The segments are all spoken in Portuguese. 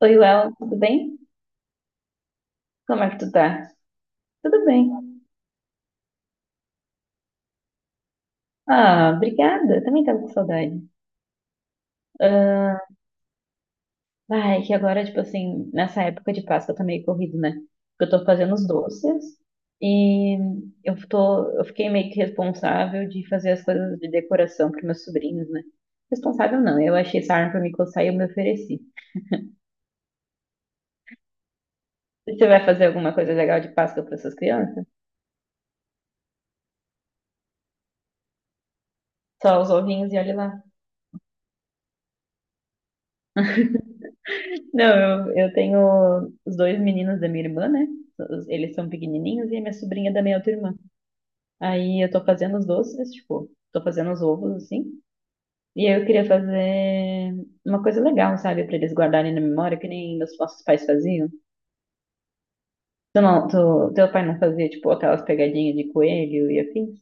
Oi, Léo, tudo bem? Como é que tu tá? Tudo bem. Ah, obrigada. Também tava com saudade. Ai, que agora, tipo assim, nessa época de Páscoa tá meio corrido, né? Porque eu tô fazendo os doces e eu fiquei meio que responsável de fazer as coisas de decoração pros meus sobrinhos, né? Responsável não, eu achei essa arma pra me coçar e eu me ofereci. Você vai fazer alguma coisa legal de Páscoa para essas crianças? Só os ovinhos e olha lá. Não, eu tenho os dois meninos da minha irmã, né? Eles são pequenininhos e a minha sobrinha da minha outra irmã. Aí eu tô fazendo os doces, tipo, tô fazendo os ovos, assim. E aí eu queria fazer uma coisa legal, sabe? Pra eles guardarem na memória, que nem meus nossos pais faziam. Tu não, teu pai não fazia, tipo, aquelas pegadinhas de coelho e afins?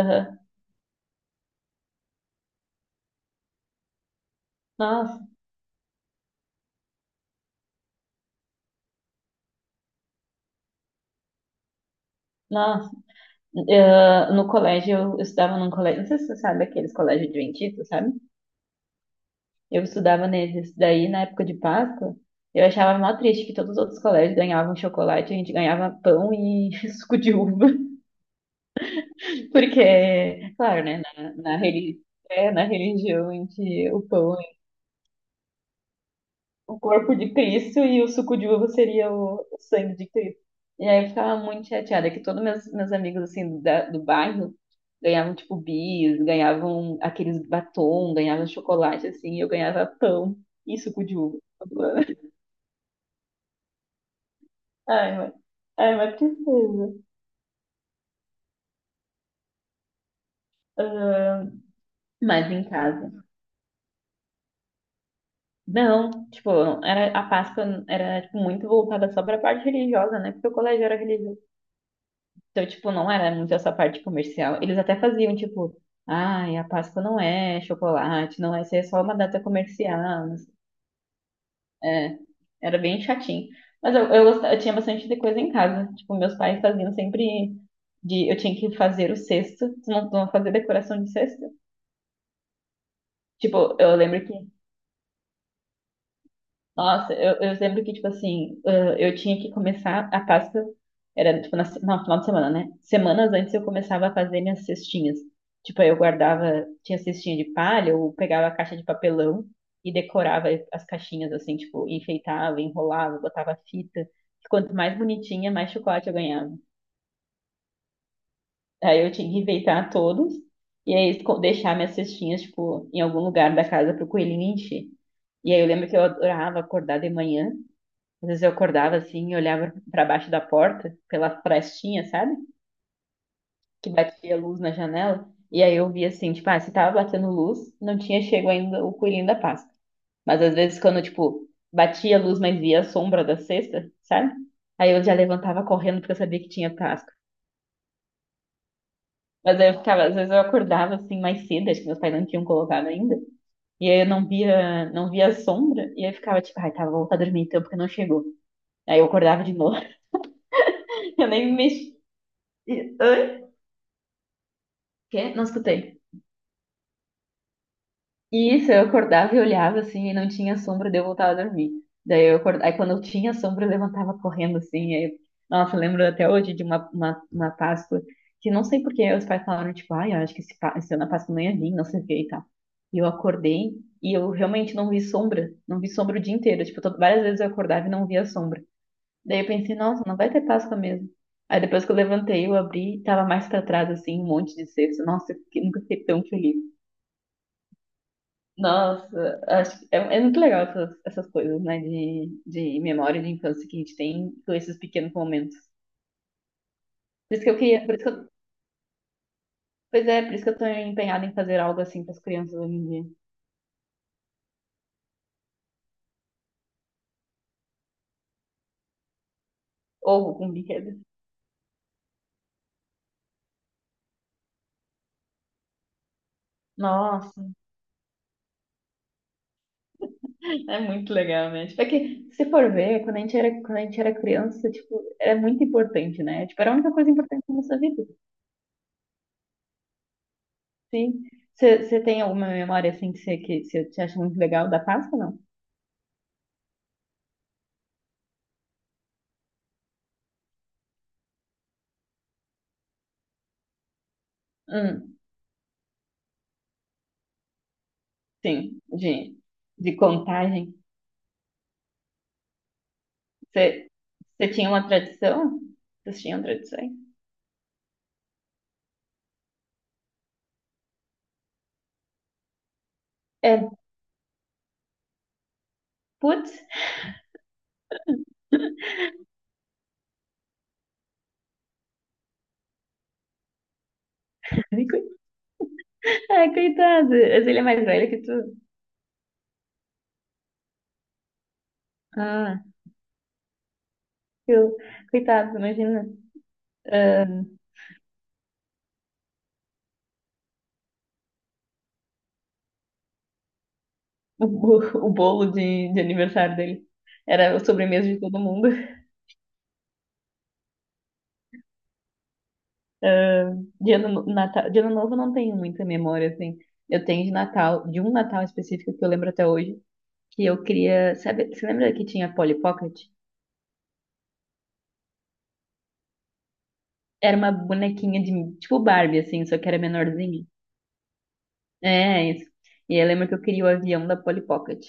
Aham. Nossa, nossa. Ah, no colégio, eu estudava num colégio, não sei se você sabe aqueles colégios adventistas, sabe? Eu estudava neles. Daí, na época de Páscoa, eu achava mó triste que todos os outros colégios ganhavam chocolate, a gente ganhava pão e suco de uva. Porque, claro, né, na religião em que o pão o corpo de Cristo e o suco de uva seria o sangue de Cristo. E aí eu ficava muito chateada que todos meus amigos assim do bairro ganhavam tipo bis, ganhavam aqueles batom, ganhavam chocolate assim, e eu ganhava pão e suco de uva. Ai, mas, Ai, mas tristeza. Ah, mas em casa. Não, tipo, era, a Páscoa era tipo, muito voltada só pra parte religiosa, né? Porque o colégio era religioso. Então, tipo, não era muito essa parte comercial. Eles até faziam, tipo, ai, a Páscoa não é chocolate, não é, isso é só uma data comercial. mas- É, era bem chatinho. Mas eu tinha bastante de coisa em casa. Tipo, meus pais faziam sempre de, eu tinha que fazer o cesto. Tu não fazia decoração de cesto? Tipo, eu lembro que Nossa, eu lembro que, tipo assim, eu tinha que começar a Páscoa, era tipo na, não, final de semana, né? Semanas antes eu começava a fazer minhas cestinhas. Tipo, aí eu guardava, tinha cestinha de palha, eu pegava a caixa de papelão e decorava as caixinhas, assim, tipo, enfeitava, enrolava, botava fita. Quanto mais bonitinha, mais chocolate eu ganhava. Aí eu tinha que enfeitar todos e aí deixar minhas cestinhas, tipo, em algum lugar da casa pro coelhinho encher. E aí eu lembro que eu adorava acordar de manhã. Às vezes eu acordava assim, e olhava para baixo da porta, pela frestinha, sabe? Que batia luz na janela. E aí eu via assim, tipo, ah, se tava batendo luz, não tinha chego ainda o coelhinho da Páscoa. Mas às vezes quando, tipo, batia a luz, mas via a sombra da cesta, sabe? Aí eu já levantava correndo porque eu sabia que tinha Páscoa. Mas aí eu ficava, às vezes eu acordava assim mais cedo, acho que meus pais não tinham colocado ainda. E aí eu não via, não via a sombra, e aí eu ficava tipo, ai, tá, vou voltar a dormir então porque não chegou. Aí eu acordava de novo, eu nem me mexi. Quê? Não escutei. E isso, eu acordava e olhava assim, e não tinha sombra, daí eu voltava a dormir. Daí eu acordava, aí quando eu tinha sombra, eu levantava correndo assim. Aí, nossa, eu lembro até hoje de uma Páscoa que não sei por que os pais falaram, tipo, ai, eu acho que esse ano a Páscoa não ia vir, não sei o que e tal. E eu acordei e eu realmente não vi sombra, não vi sombra o dia inteiro. Tipo, várias vezes eu acordava e não via sombra. Daí eu pensei, nossa, não vai ter Páscoa mesmo. Aí depois que eu levantei, eu abri, tava mais pra trás, assim, um monte de cesta. Nossa, eu fiquei- nunca fiquei tão feliz. Nossa, acho é, é muito legal essas, essas coisas, né? De memória de infância que a gente tem com esses pequenos momentos. Por isso que eu queria, por isso que eu, pois é, por isso que eu tô empenhada em fazer algo assim para as crianças hoje em dia. Ou com brinquedo. Nossa, é muito legal, né? Tipo, é que se for ver, quando a gente era, quando a gente era criança, tipo, era muito importante, né? Tipo, era a única coisa importante na nossa vida. Sim. Você tem alguma memória assim que você acha muito legal da Páscoa, não? Hum, sim, de contagem. Você, você tinha uma tradição? Vocês tinham tradições? É, putz, ai, coitado, mas ele é mais velho que tu. Ah, eu, coitado, imagina ah, o, bo- o bolo de aniversário dele. Era a sobremesa de todo mundo. Ah, de, ano, no- Natal, de ano novo eu não tenho muita memória, assim. Eu tenho de Natal, de um Natal específico que eu lembro até hoje, que eu queria. Sabe, você lembra que tinha Polly Pocket? Era uma bonequinha de tipo Barbie, assim, só que era menorzinha. É, isso. E eu lembro que eu queria o avião da Polly Pocket.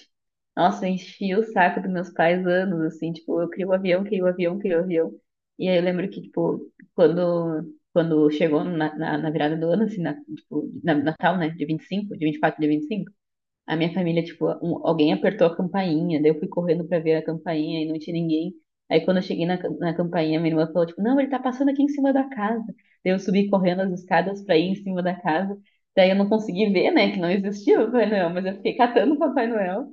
Nossa, eu enchia o saco dos meus pais anos, assim, tipo, eu queria o avião, queria o avião, queria o avião. E aí eu lembro que, tipo, quando, quando chegou na, na virada do ano, assim, na, tipo, na, Natal, né, de 25, de 24, de 25. A minha família, tipo, alguém apertou a campainha, daí eu fui correndo pra ver a campainha e não tinha ninguém. Aí quando eu cheguei na campainha, minha irmã falou, tipo, não, ele tá passando aqui em cima da casa. Daí eu subi correndo as escadas pra ir em cima da casa. Daí eu não consegui ver, né, que não existia o Papai Noel, mas eu fiquei catando o Papai Noel.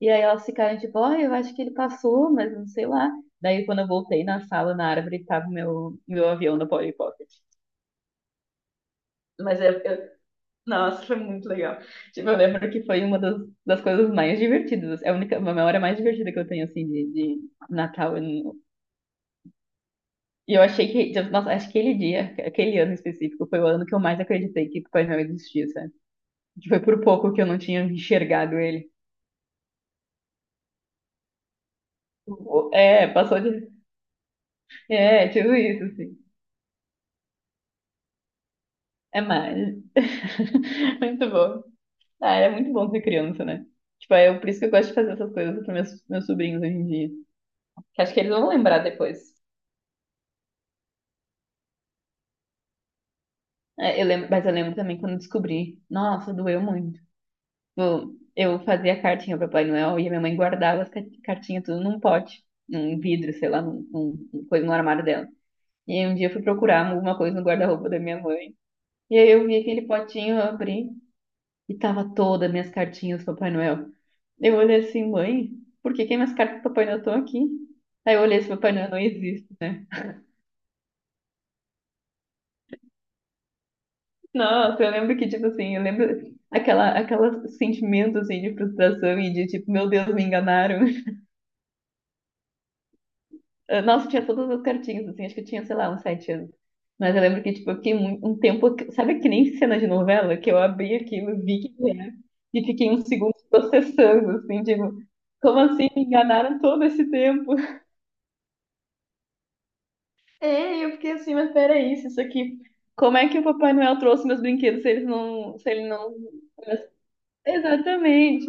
E aí elas ficaram tipo, ó, eu acho que ele passou, mas não sei lá. Daí quando eu voltei na sala, na árvore, tava o meu, meu avião da Polly Pocket. Mas eu nossa, foi muito legal. Tipo, eu lembro que foi uma das coisas mais divertidas. É a única, uma memória mais divertida que eu tenho, assim, de Natal. Eu não- E eu achei que, tipo, nossa, acho que aquele dia, aquele ano específico, foi o ano que eu mais acreditei que Papai Noel existia, sabe? Que foi por pouco que eu não tinha enxergado ele. É, passou de. É, tipo isso, assim. É mais. Muito bom. Ah, era muito bom ser criança, né? Tipo, é por isso que eu gosto de fazer essas coisas para meus sobrinhos hoje em dia. Que acho que eles vão lembrar depois. É, eu lembro, mas eu lembro também quando eu descobri. Nossa, doeu muito. Tipo, eu fazia cartinha para Papai Noel e a minha mãe guardava as cartinhas tudo num pote, num vidro, sei lá, num coisa no armário dela. E aí um dia eu fui procurar alguma coisa no guarda-roupa da minha mãe. E aí eu vi aquele potinho, eu abri e tava todas as minhas cartinhas do Papai Noel. Eu olhei assim, mãe, por que que minhas cartas do Papai Noel estão aqui? Aí eu olhei esse Papai Noel não existe, né? Nossa, eu lembro que, tipo assim, eu lembro aquela, sentimento, assim, de frustração e de, tipo, meu Deus, me enganaram. Nossa, tinha todas as cartinhas, assim, acho que eu tinha, sei lá, uns 7 anos. Mas eu lembro que, tipo, eu fiquei um tempo, sabe que nem cena de novela? Que eu abri aquilo, vi que era, e fiquei uns segundos processando, assim, tipo, como assim me enganaram todo esse tempo? É, e eu fiquei assim, mas peraí, se isso aqui... Como é que o Papai Noel trouxe meus brinquedos se eles não, se ele não... Exatamente.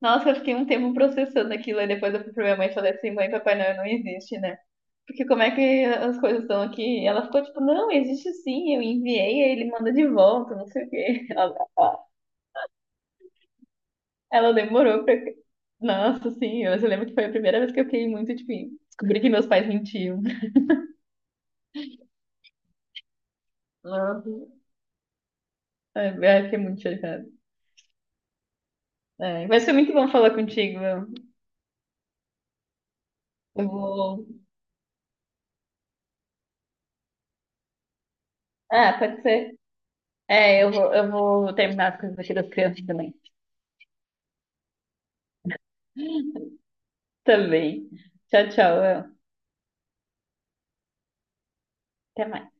Nossa, eu fiquei um tempo processando aquilo, aí depois eu fui pra minha mãe e falei assim, mãe, Papai Noel não existe, né? Porque como é que as coisas estão aqui? E ela ficou tipo, não, existe sim, eu enviei, aí ele manda de volta, não sei o quê. ela, demorou pra... Nossa, sim, eu lembro que foi a primeira vez que eu fiquei muito, tipo, descobri que meus pais mentiam. Nossa, ai, ai, fiquei muito chocada. É, mas foi muito bom falar contigo. Eu vou... Ah, pode ser. É, eu vou terminar as coisas aqui das crianças também. Também. Tchau, tchau, El. Até mais.